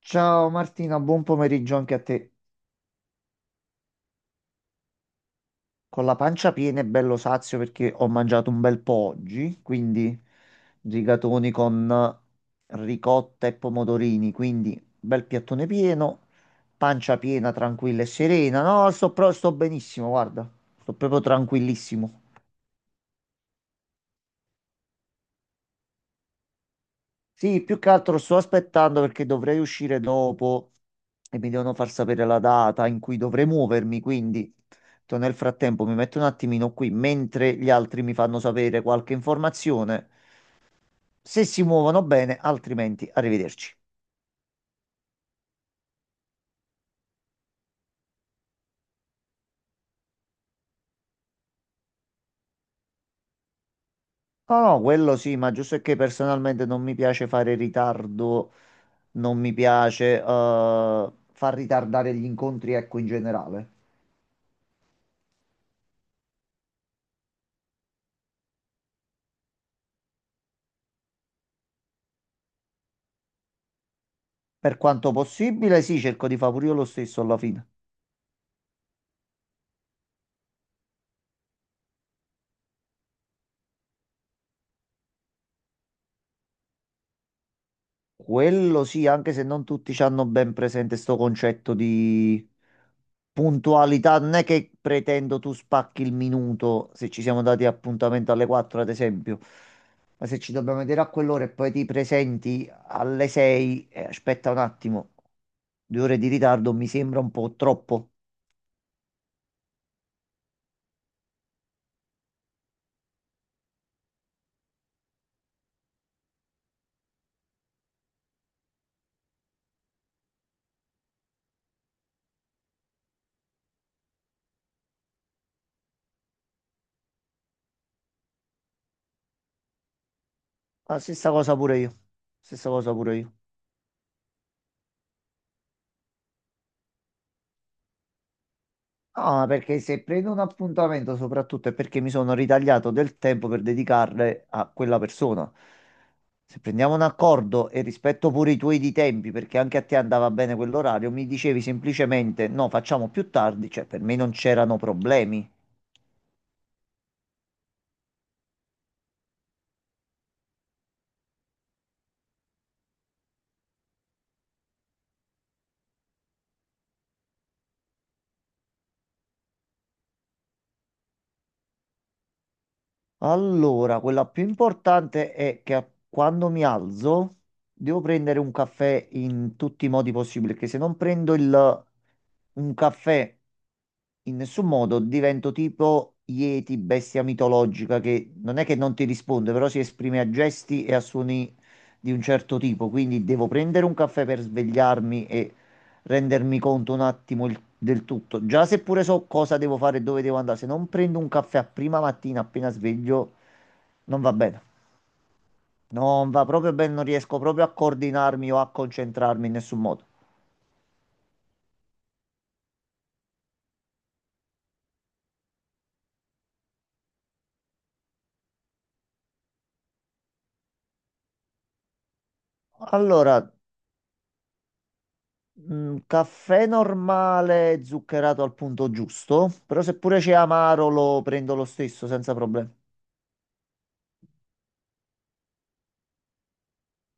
Ciao Martina, buon pomeriggio anche a te. Con la pancia piena e bello sazio perché ho mangiato un bel po' oggi, quindi rigatoni con ricotta e pomodorini, quindi bel piattone pieno, pancia piena, tranquilla e serena. No, sto benissimo, guarda, sto proprio tranquillissimo. Sì, più che altro sto aspettando perché dovrei uscire dopo e mi devono far sapere la data in cui dovrei muovermi, quindi nel frattempo mi metto un attimino qui mentre gli altri mi fanno sapere qualche informazione. Se si muovono bene, altrimenti arrivederci. No, no, quello sì, ma giusto è che personalmente non mi piace fare ritardo, non mi piace far ritardare gli incontri, ecco, in generale. Per quanto possibile, sì, cerco di fare pure io lo stesso alla fine. Quello sì, anche se non tutti ci hanno ben presente sto concetto di puntualità, non è che pretendo tu spacchi il minuto se ci siamo dati appuntamento alle 4, ad esempio, ma se ci dobbiamo vedere a quell'ora e poi ti presenti alle 6, aspetta un attimo, 2 ore di ritardo mi sembra un po' troppo. La stessa cosa pure io, stessa cosa pure io. No, ma perché se prendo un appuntamento soprattutto è perché mi sono ritagliato del tempo per dedicarle a quella persona. Se prendiamo un accordo e rispetto pure i tuoi di tempi, perché anche a te andava bene quell'orario, mi dicevi semplicemente no, facciamo più tardi, cioè per me non c'erano problemi. Allora, quella più importante è che quando mi alzo devo prendere un caffè in tutti i modi possibili, perché se non prendo il, un caffè. In nessun modo divento tipo Yeti, bestia mitologica, che non è che non ti risponde, però si esprime a gesti e a suoni di un certo tipo. Quindi devo prendere un caffè per svegliarmi e rendermi conto un attimo del tutto. Già seppure so cosa devo fare e dove devo andare, se non prendo un caffè a prima mattina appena sveglio, non va bene. Non va proprio bene, non riesco proprio a coordinarmi o a concentrarmi in nessun modo. Allora. Caffè normale zuccherato al punto giusto, però se pure c'è amaro lo prendo lo stesso senza problemi.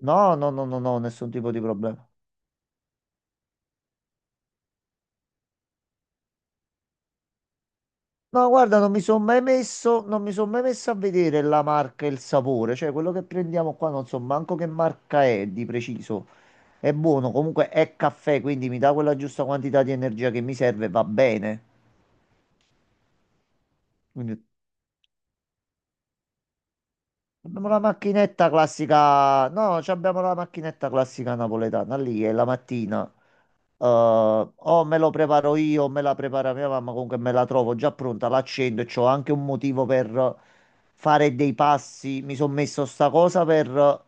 No, no, no, no, no, nessun tipo di problema. No, guarda, non mi sono mai messo a vedere la marca e il sapore, cioè quello che prendiamo qua non so manco che marca è di preciso. È buono, comunque è caffè, quindi mi dà quella giusta quantità di energia che mi serve, e va bene. Quindi abbiamo la macchinetta classica, no, ci abbiamo la macchinetta classica napoletana lì, è la mattina. Eh, o me lo preparo io, o me la prepara mia mamma, comunque me la trovo già pronta, l'accendo e c'ho anche un motivo per fare dei passi. Mi sono messo sta cosa per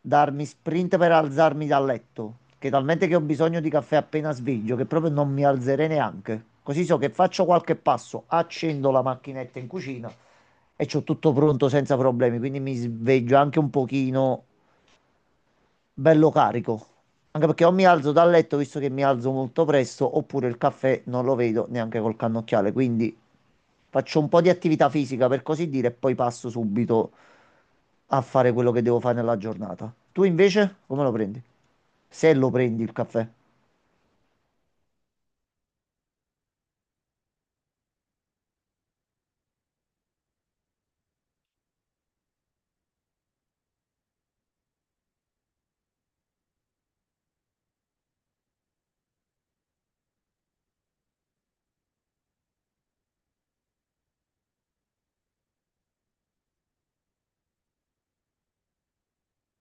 darmi sprint per alzarmi dal letto, che talmente che ho bisogno di caffè appena sveglio, che proprio non mi alzerei neanche. Così so che faccio qualche passo, accendo la macchinetta in cucina e c'ho tutto pronto senza problemi, quindi mi sveglio anche un pochino bello carico. Anche perché o mi alzo dal letto, visto che mi alzo molto presto, oppure il caffè non lo vedo neanche col cannocchiale. Quindi faccio un po' di attività fisica, per così dire, e poi passo subito a fare quello che devo fare nella giornata. Tu invece come lo prendi? Se lo prendi il caffè.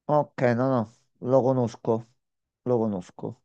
Ok, no, no, lo conosco, lo conosco.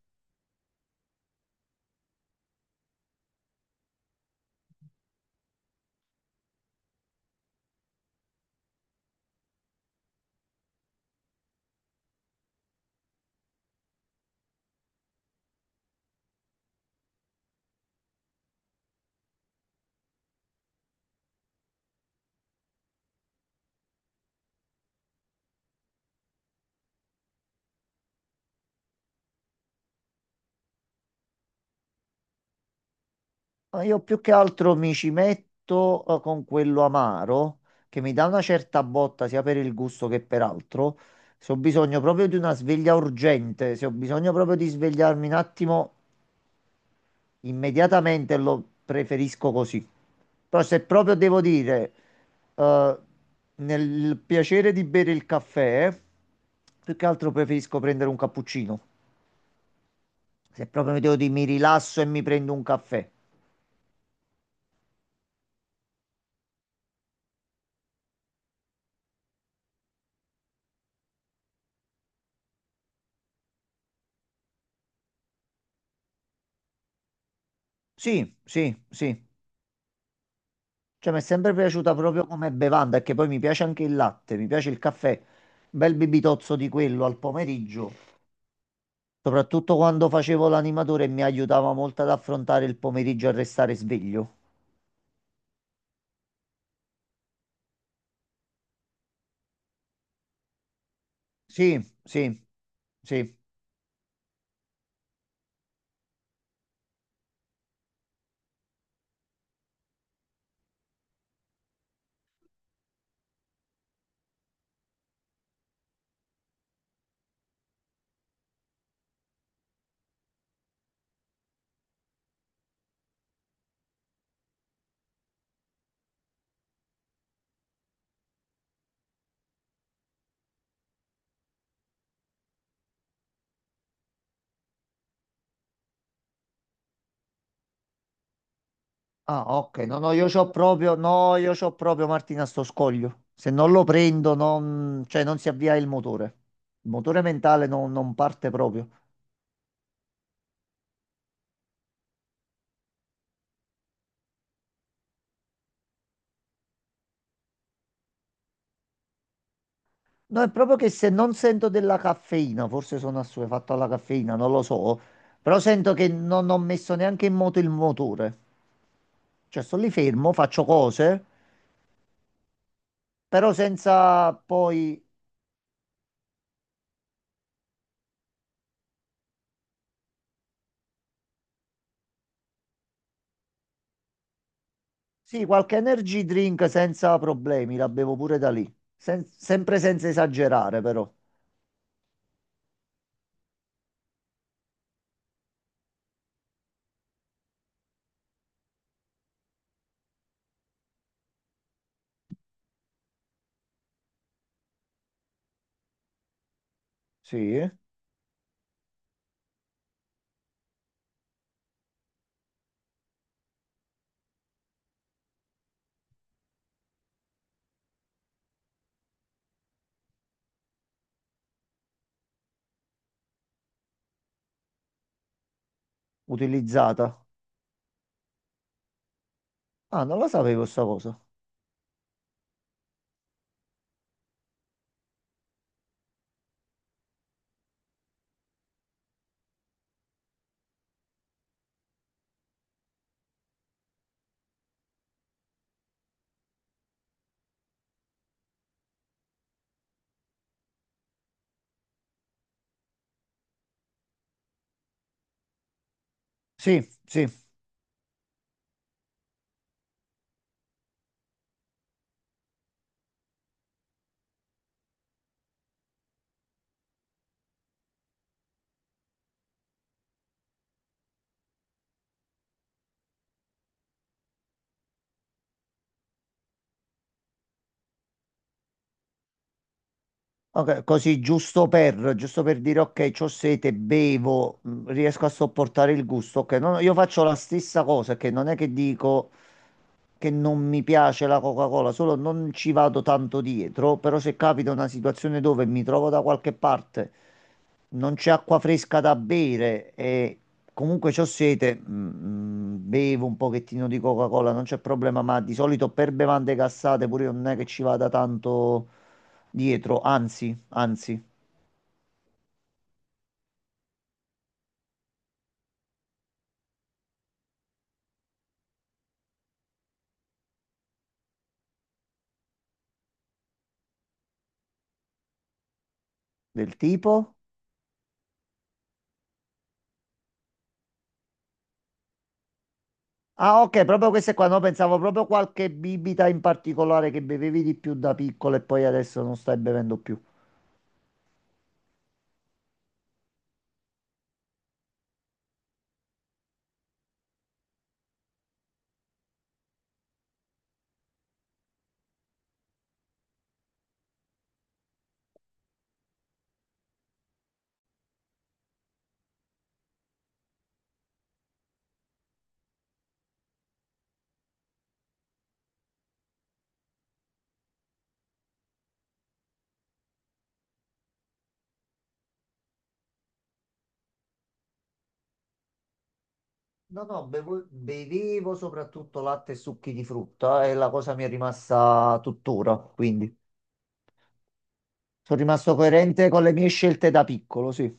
Ma io più che altro mi ci metto con quello amaro che mi dà una certa botta sia per il gusto che per altro. Se ho bisogno proprio di una sveglia urgente, se ho bisogno proprio di svegliarmi un attimo, immediatamente lo preferisco così. Però se proprio devo dire, eh, nel piacere di bere il caffè, più che altro preferisco prendere un cappuccino. Se proprio mi devo dire, mi rilasso e mi prendo un caffè. Sì, sì, sì. Cioè, mi è sempre piaciuta proprio come bevanda, perché poi mi piace anche il latte, mi piace il caffè, un bel bibitozzo di quello al pomeriggio, soprattutto quando facevo l'animatore mi aiutava molto ad affrontare il pomeriggio e a restare sveglio. Sì, sì, sì. Ah, ok, no, io c'ho proprio Martina sto scoglio. Se non lo prendo, non, cioè, non si avvia il motore. Il motore mentale non parte proprio. No, è proprio che se non sento della caffeina, forse sono assuefatto alla caffeina, non lo so, però sento che non ho messo neanche in moto il motore. Cioè, sto lì fermo, faccio cose, però senza poi... Sì, qualche energy drink senza problemi, la bevo pure da lì. Sempre senza esagerare, però. Sì, eh? Utilizzata. Ah, non la sapevo sta cosa. Sì, sì. Ok, così giusto per dire ok, c'ho sete, bevo, riesco a sopportare il gusto. Ok, no, no, io faccio la stessa cosa, che non è che dico che non mi piace la Coca-Cola, solo non ci vado tanto dietro, però se capita una situazione dove mi trovo da qualche parte, non c'è acqua fresca da bere e comunque c'ho sete, bevo un pochettino di Coca-Cola, non c'è problema, ma di solito per bevande gassate pure io non è che ci vada tanto dietro, anzi, anzi. Del tipo? Ah, ok, proprio queste qua. No, pensavo proprio qualche bibita in particolare che bevevi di più da piccolo e poi adesso non stai bevendo più. No, bevevo soprattutto latte e succhi di frutta e la cosa mi è rimasta tuttora, quindi. Sono rimasto coerente con le mie scelte da piccolo, sì.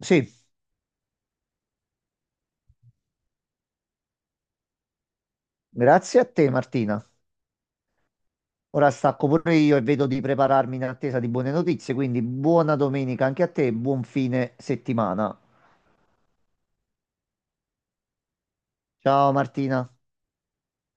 Sì, grazie a te, Martina. Ora stacco pure io e vedo di prepararmi in attesa di buone notizie, quindi buona domenica anche a te e buon fine settimana. Ciao, Martina.